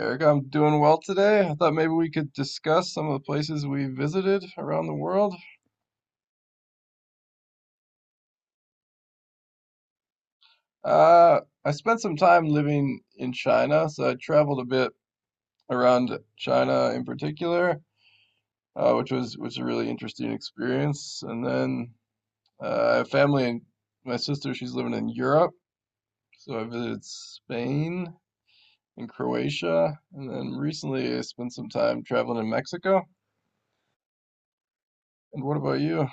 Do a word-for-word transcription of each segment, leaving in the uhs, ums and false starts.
Eric, I'm doing well today. I thought maybe we could discuss some of the places we visited around the world. Uh, I spent some time living in China, so I traveled a bit around China in particular, uh, which was which was a really interesting experience. And then uh, I have family and my sister, she's living in Europe, so I visited Spain and Croatia, and then recently I spent some time traveling in Mexico. And what about you?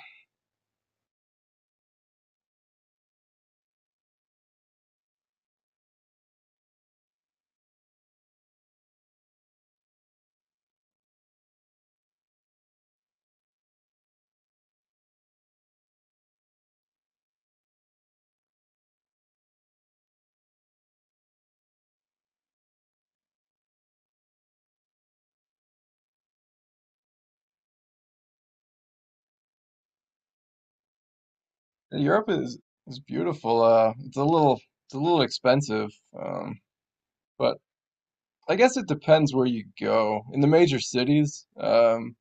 Europe is is beautiful. Uh, it's a little it's a little expensive, um, but I guess it depends where you go. In the major cities, um,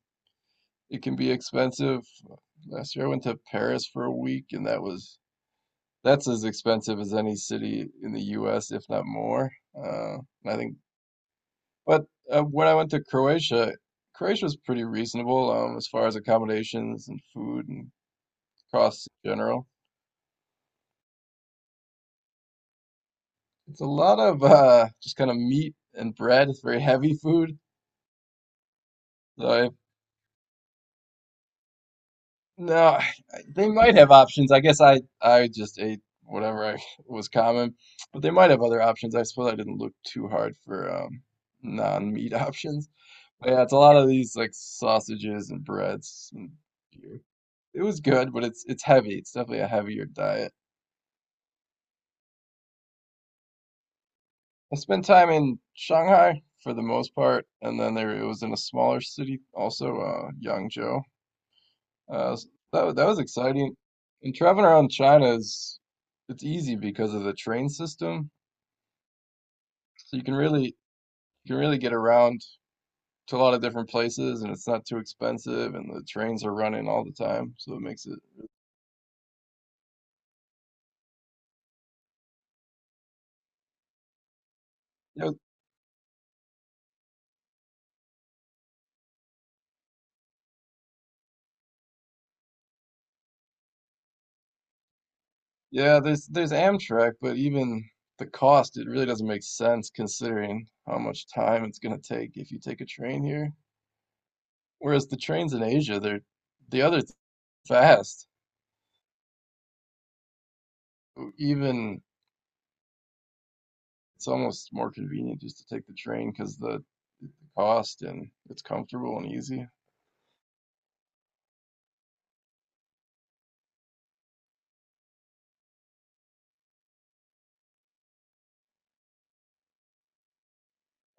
it can be expensive. Last year I went to Paris for a week, and that was that's as expensive as any city in the U S, if not more. Uh, and I think, but uh, when I went to Croatia, Croatia was pretty reasonable um, as far as accommodations and food and costs in general. It's a lot of uh just kind of meat and bread. It's very heavy food. So I, no, they might have options. I guess I I just ate whatever I was common, but they might have other options. I suppose I didn't look too hard for um non-meat options. But yeah, it's a lot of these like sausages and breads and beer. It was good, but it's it's heavy. It's definitely a heavier diet. I spent time in Shanghai for the most part, and then there it was in a smaller city also, uh, Yangzhou. Uh, s- that wa- that was exciting. And traveling around China is it's easy because of the train system. So you can really you can really get around to a lot of different places, and it's not too expensive, and the trains are running all the time, so it makes it. Yeah, yeah. There's there's Amtrak, but even the cost, it really doesn't make sense considering how much time it's gonna take if you take a train here. Whereas the trains in Asia, they're the other th- fast. Even it's almost more convenient just to take the train because the Austin. It's comfortable and easy.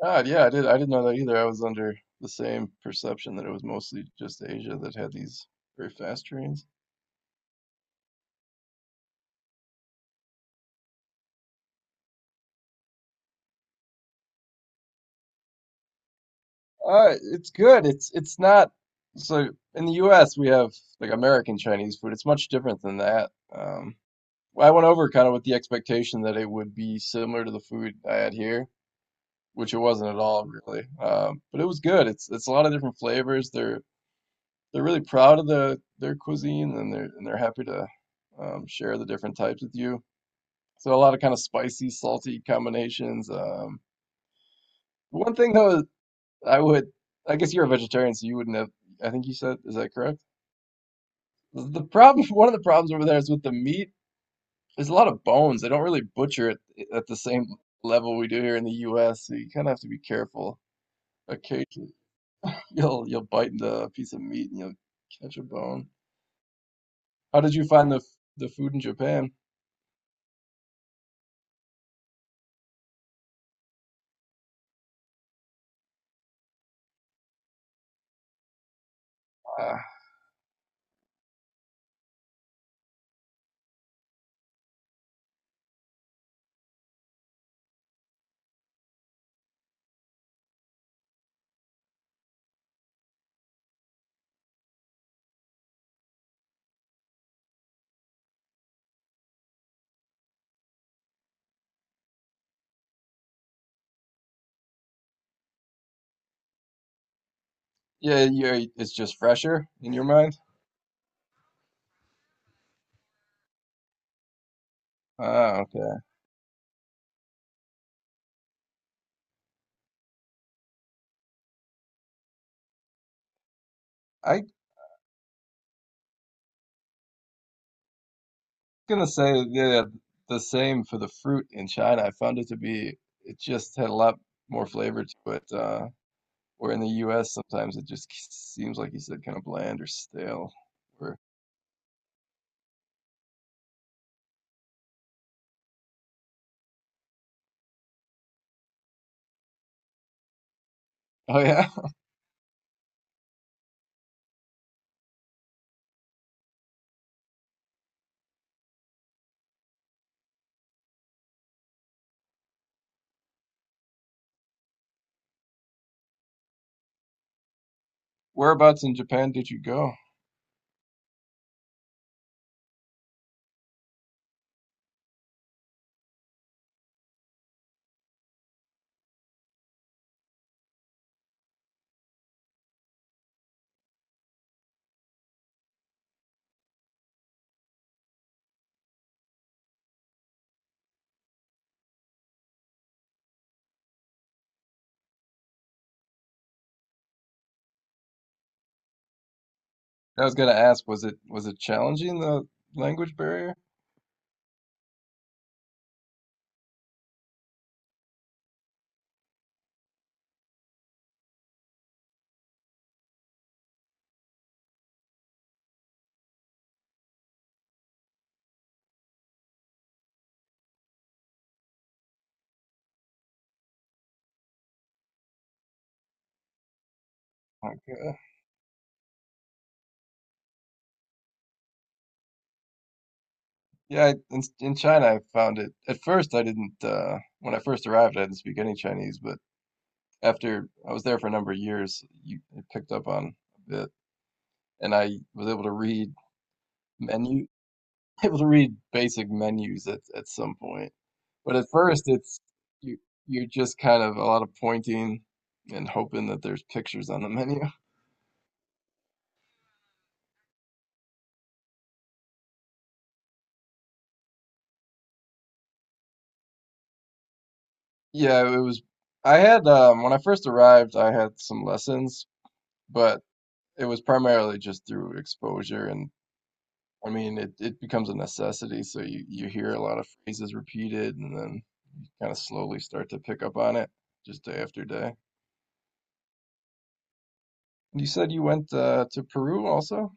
Ah, yeah, I did. I didn't know that either. I was under the same perception that it was mostly just Asia that had these very fast trains. Uh, it's good. It's it's not so in the U S we have like American Chinese food. It's much different than that. Um, I went over kind of with the expectation that it would be similar to the food I had here, which it wasn't at all really. Um, but it was good. It's it's a lot of different flavors. They're they're really proud of the their cuisine and they're and they're happy to um, share the different types with you. So a lot of kind of spicy, salty combinations. Um, one thing though, I would, I guess you're a vegetarian, so you wouldn't have. I think you said, is that correct? The problem, one of the problems over there is with the meat. There's a lot of bones. They don't really butcher it eh, at the same level we do here in the U S. So you kind of have to be careful. Occasionally, you'll you'll bite into a piece of meat and you'll catch a bone. How did you find the the food in Japan? Yeah, yeah, it's just fresher in your mind? Ah, okay. I'm gonna say yeah, the same for the fruit in China. I found it to be, it just had a lot more flavor to it. Uh, where in the U S, sometimes it just seems like you said, kind of bland or stale. Or, oh yeah, whereabouts in Japan did you go? I was gonna ask, was it was it challenging the language barrier? Okay. Yeah, I- in in China, I found it. At first, I didn't. Uh, when I first arrived, I didn't speak any Chinese, but after I was there for a number of years, you picked up on a bit, and I was able to read menu, able to read basic menus at at some point. But at first, it's you you're just kind of a lot of pointing and hoping that there's pictures on the menu. Yeah, it was. I had um, when I first arrived, I had some lessons, but it was primarily just through exposure and. I mean, it, it becomes a necessity, so you, you hear a lot of phrases repeated, and then kind of slowly start to pick up on it just day after day. And you said you went uh, to Peru also?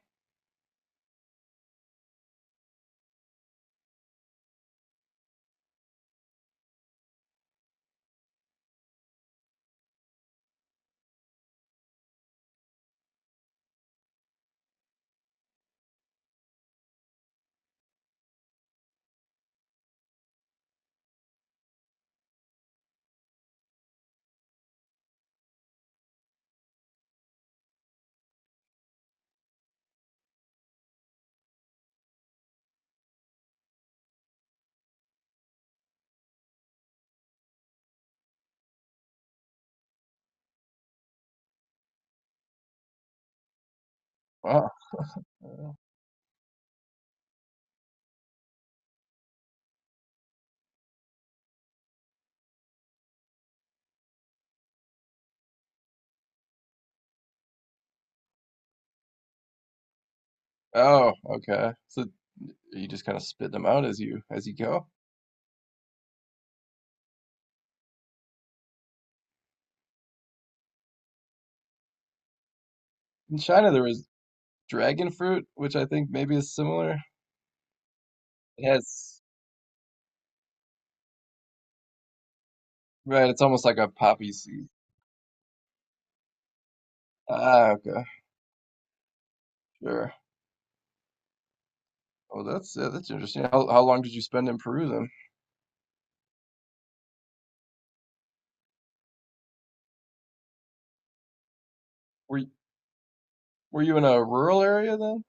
Wow. Uh, Oh, okay. So you just kind of spit them out as you as you go. In China, there was dragon fruit, which I think maybe is similar. It has, right, it's almost like a poppy seed. Ah, okay. Sure. Oh, that's yeah, that's interesting. How how long did you spend in Peru then? Were you, were you in a rural area then?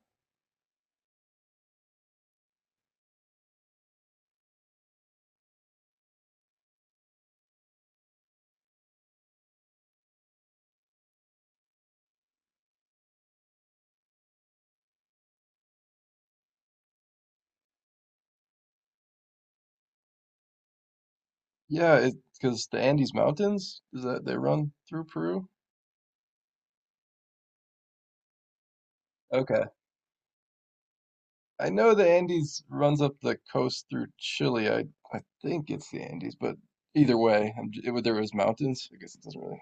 Yeah, it because the Andes Mountains is that they run through Peru. Okay. I know the Andes runs up the coast through Chile. I I think it's the Andes, but either way, I'm, j- it, there was mountains. I guess it doesn't really.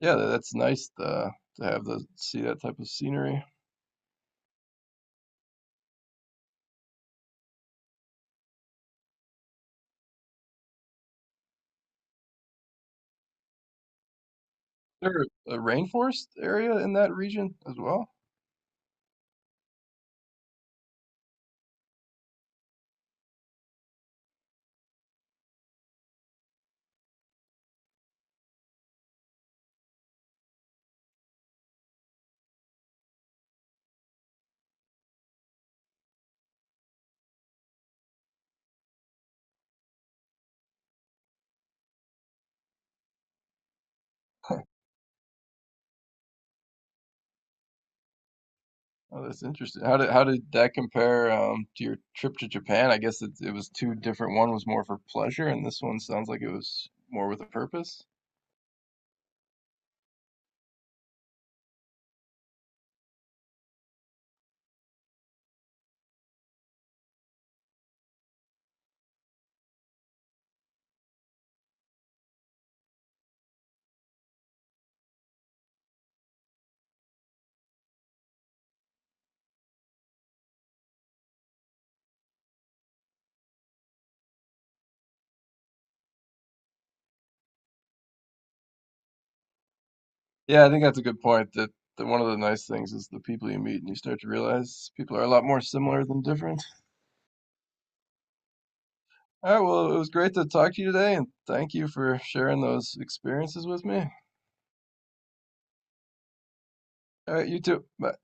Yeah, tha- that's nice to, to have the see that type of scenery. Is there a rainforest area in that region as well? Huh. Oh, that's interesting. How did how did that compare um, to your trip to Japan? I guess it it was two different. One was more for pleasure, and this one sounds like it was more with a purpose. Yeah, I think that's a good point. That, that one of the nice things is the people you meet, and you start to realize people are a lot more similar than different. All right, well, it was great to talk to you today, and thank you for sharing those experiences with me. All right, you too. Bye.